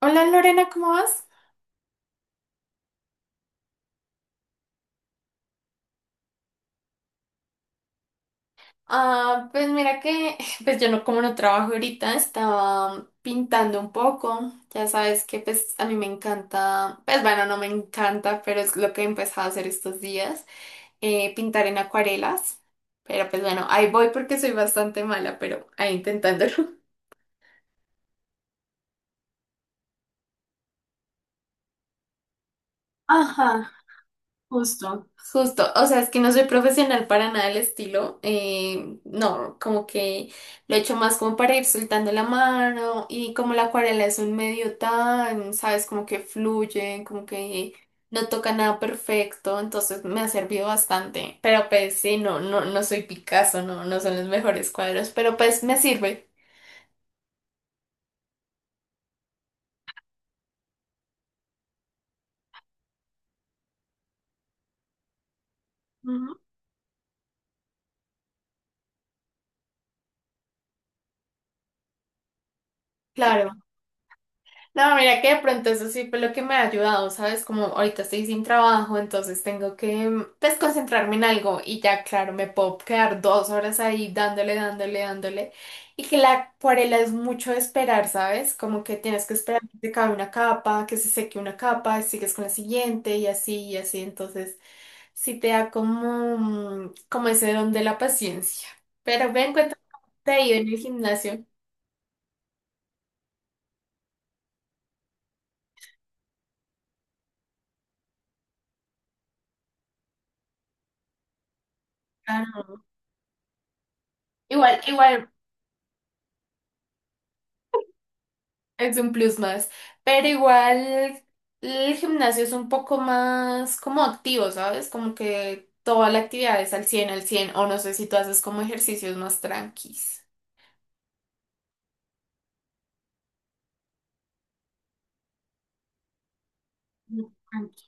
Hola Lorena, ¿cómo vas? Ah, pues mira que, pues yo no, como no trabajo ahorita, estaba pintando un poco. Ya sabes que pues a mí me encanta, pues bueno, no me encanta, pero es lo que he empezado a hacer estos días, pintar en acuarelas. Pero pues bueno, ahí voy porque soy bastante mala, pero ahí intentándolo. Ajá. Justo, justo. O sea, es que no soy profesional para nada del estilo. No, como que lo he hecho más como para ir soltando la mano y como la acuarela es un medio tan, sabes, como que fluye, como que no toca nada perfecto, entonces me ha servido bastante. Pero pues sí, no, no, no soy Picasso, no, no son los mejores cuadros, pero pues me sirve. Ujú. Claro. No, mira que de pronto eso sí fue lo que me ha ayudado, ¿sabes? Como ahorita estoy sin trabajo, entonces tengo que pues concentrarme en algo y ya, claro, me puedo quedar 2 horas ahí dándole, dándole, dándole. Y que la acuarela es mucho de esperar, ¿sabes? Como que tienes que esperar que se acabe una capa, que se seque una capa, y sigues con la siguiente y así y así. Entonces sí te da como, como ese don de la paciencia. Pero ven, cuéntame, ¿cómo te ha ido en el gimnasio? Ah, igual, igual. Es un plus más, pero igual el gimnasio es un poco más como activo, ¿sabes? Como que toda la actividad es al 100 o no sé si tú haces como ejercicios más tranquis. No, tranqui.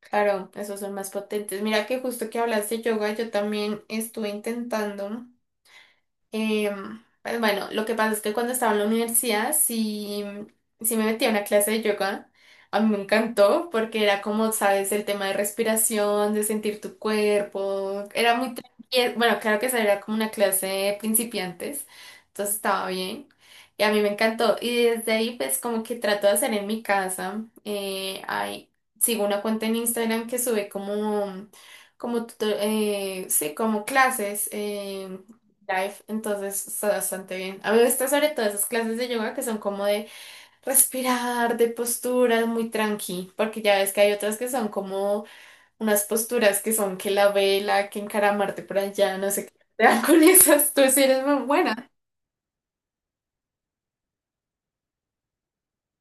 Claro, esos son más potentes. Mira que justo que hablaste de yoga, yo también estuve intentando. Pues bueno, lo que pasa es que cuando estaba en la universidad, sí, sí me metí a una clase de yoga. A mí me encantó porque era como, sabes, el tema de respiración, de sentir tu cuerpo. Era muy tranquilo. Bueno, claro que esa era como una clase de principiantes, entonces estaba bien. Y a mí me encantó. Y desde ahí, pues como que trato de hacer en mi casa. Sigo una cuenta en Instagram que sube como sí, como clases live, entonces está bastante bien. A mí me gusta sobre todo esas clases de yoga que son como de respirar, de posturas muy tranqui, porque ya ves que hay otras que son como unas posturas que son que la vela, que encaramarte por allá, no sé qué. Te dan con esas, tú sí eres muy buena.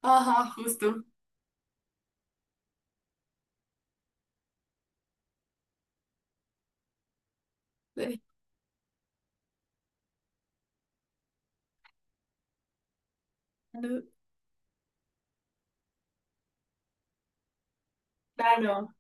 Ajá, justo. Claro,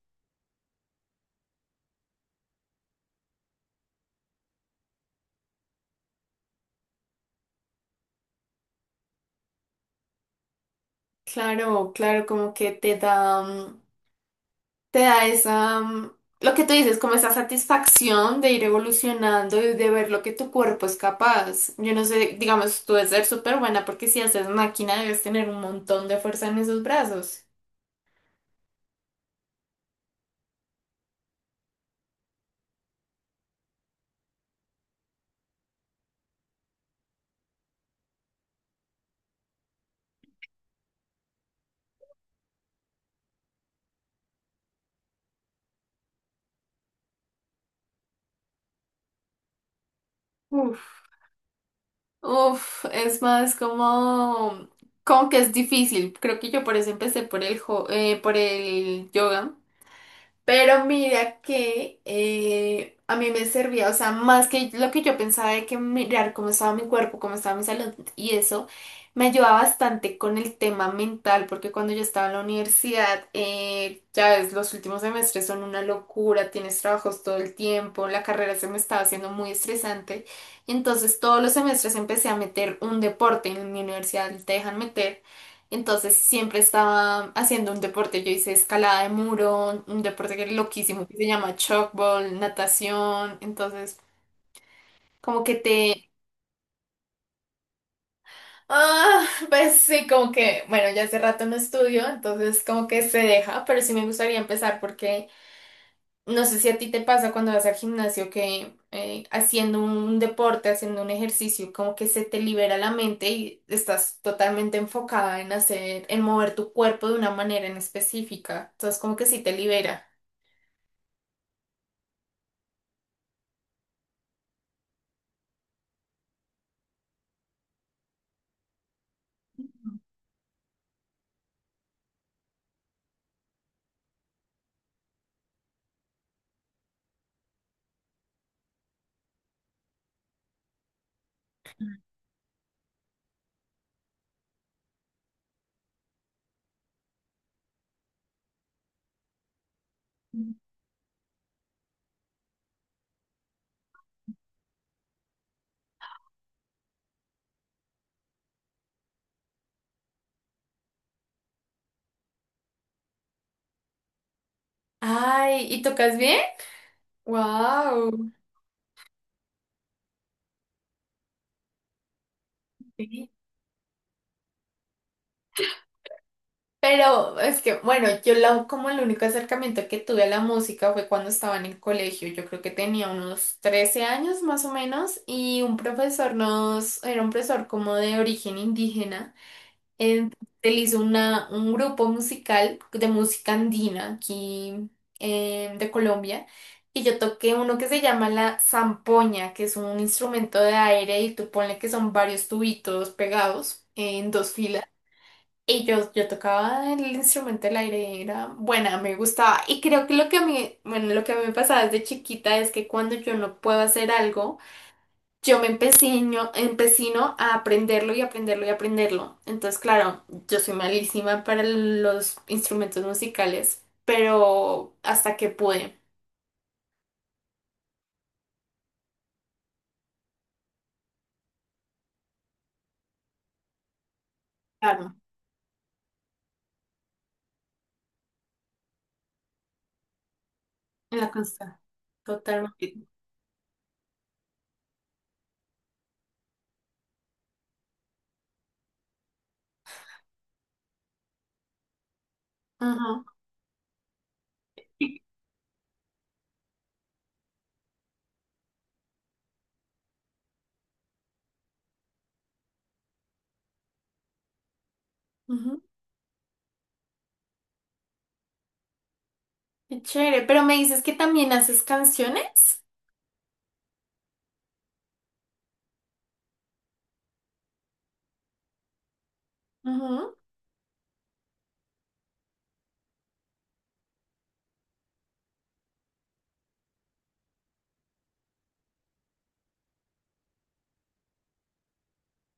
claro, claro, como que te da. Te da esa, lo que tú dices, como esa satisfacción de ir evolucionando y de ver lo que tu cuerpo es capaz. Yo no sé, digamos, tú debes ser súper buena porque si haces máquina debes tener un montón de fuerza en esos brazos. Uf. Uf, es más como, como que es difícil. Creo que yo por eso empecé por el, por el yoga. Pero mira que a mí me servía, o sea, más que lo que yo pensaba de que mirar cómo estaba mi cuerpo, cómo estaba mi salud y eso, me ayudaba bastante con el tema mental, porque cuando yo estaba en la universidad, ya ves, los últimos semestres son una locura, tienes trabajos todo el tiempo, la carrera se me estaba haciendo muy estresante, y entonces todos los semestres empecé a meter un deporte, en mi universidad te dejan meter. Entonces siempre estaba haciendo un deporte. Yo hice escalada de muro, un deporte que es loquísimo, que se llama chalkball, natación. Entonces, como que te... Ah, pues sí, como que, bueno, ya hace rato no estudio, entonces como que se deja, pero sí me gustaría empezar porque... No sé si a ti te pasa cuando vas al gimnasio que haciendo un deporte, haciendo un ejercicio, como que se te libera la mente y estás totalmente enfocada en hacer, en mover tu cuerpo de una manera en específica. Entonces, como que sí te libera. Ay, ¿y tocas bien? Wow. Pero es que, bueno, yo la, como el único acercamiento que tuve a la música fue cuando estaba en el colegio. Yo creo que tenía unos 13 años más o menos y un profesor nos, era un profesor como de origen indígena. Él, él hizo una, un grupo musical de música andina aquí de Colombia y yo toqué uno que se llama la zampoña, que es un instrumento de aire y tú ponle que son varios tubitos pegados en dos filas. Y yo tocaba el instrumento del aire, era buena, me gustaba. Y creo que lo que a mí, bueno, lo que a mí me pasaba desde chiquita es que cuando yo no puedo hacer algo, yo me empecino a aprenderlo y aprenderlo y aprenderlo. Entonces, claro, yo soy malísima para los instrumentos musicales, pero hasta que pude. Claro, en la constancia. Totalmente. Ajá. Ujú. Qué chévere. Pero me dices que también haces canciones.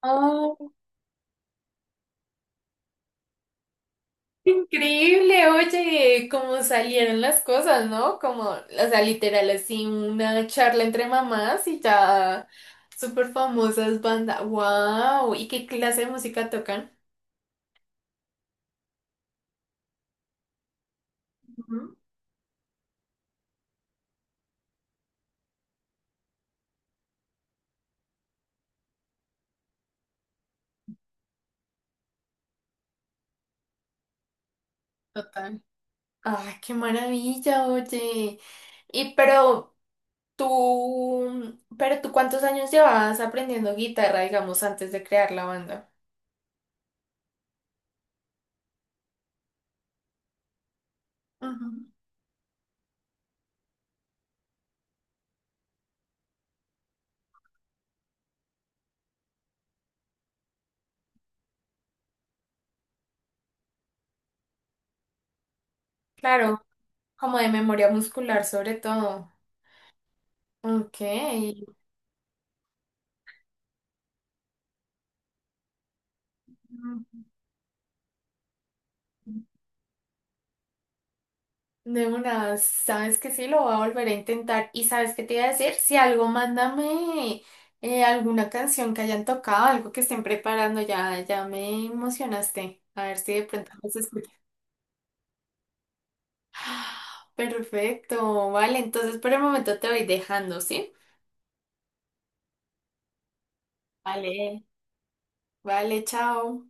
Ajá. Increíble, oye, cómo salieron las cosas, ¿no? Como, o sea, literal, así una charla entre mamás y ya súper famosas bandas. ¡Wow! ¿Y qué clase de música tocan? Ujú, total. ¡Ay, qué maravilla, oye! Y pero tú, ¿cuántos años llevabas aprendiendo guitarra, digamos, antes de crear la banda? Ujú. Claro, como de memoria muscular sobre todo. Ok. Ujú. De una, sabes que sí, lo voy a volver a intentar. Y sabes qué te iba a decir, si algo, mándame alguna canción que hayan tocado, algo que estén preparando, ya, ya me emocionaste. A ver si de pronto los escucho. ¡Ah! Perfecto, vale, entonces por el momento te voy dejando, ¿sí? Vale. Vale, chao.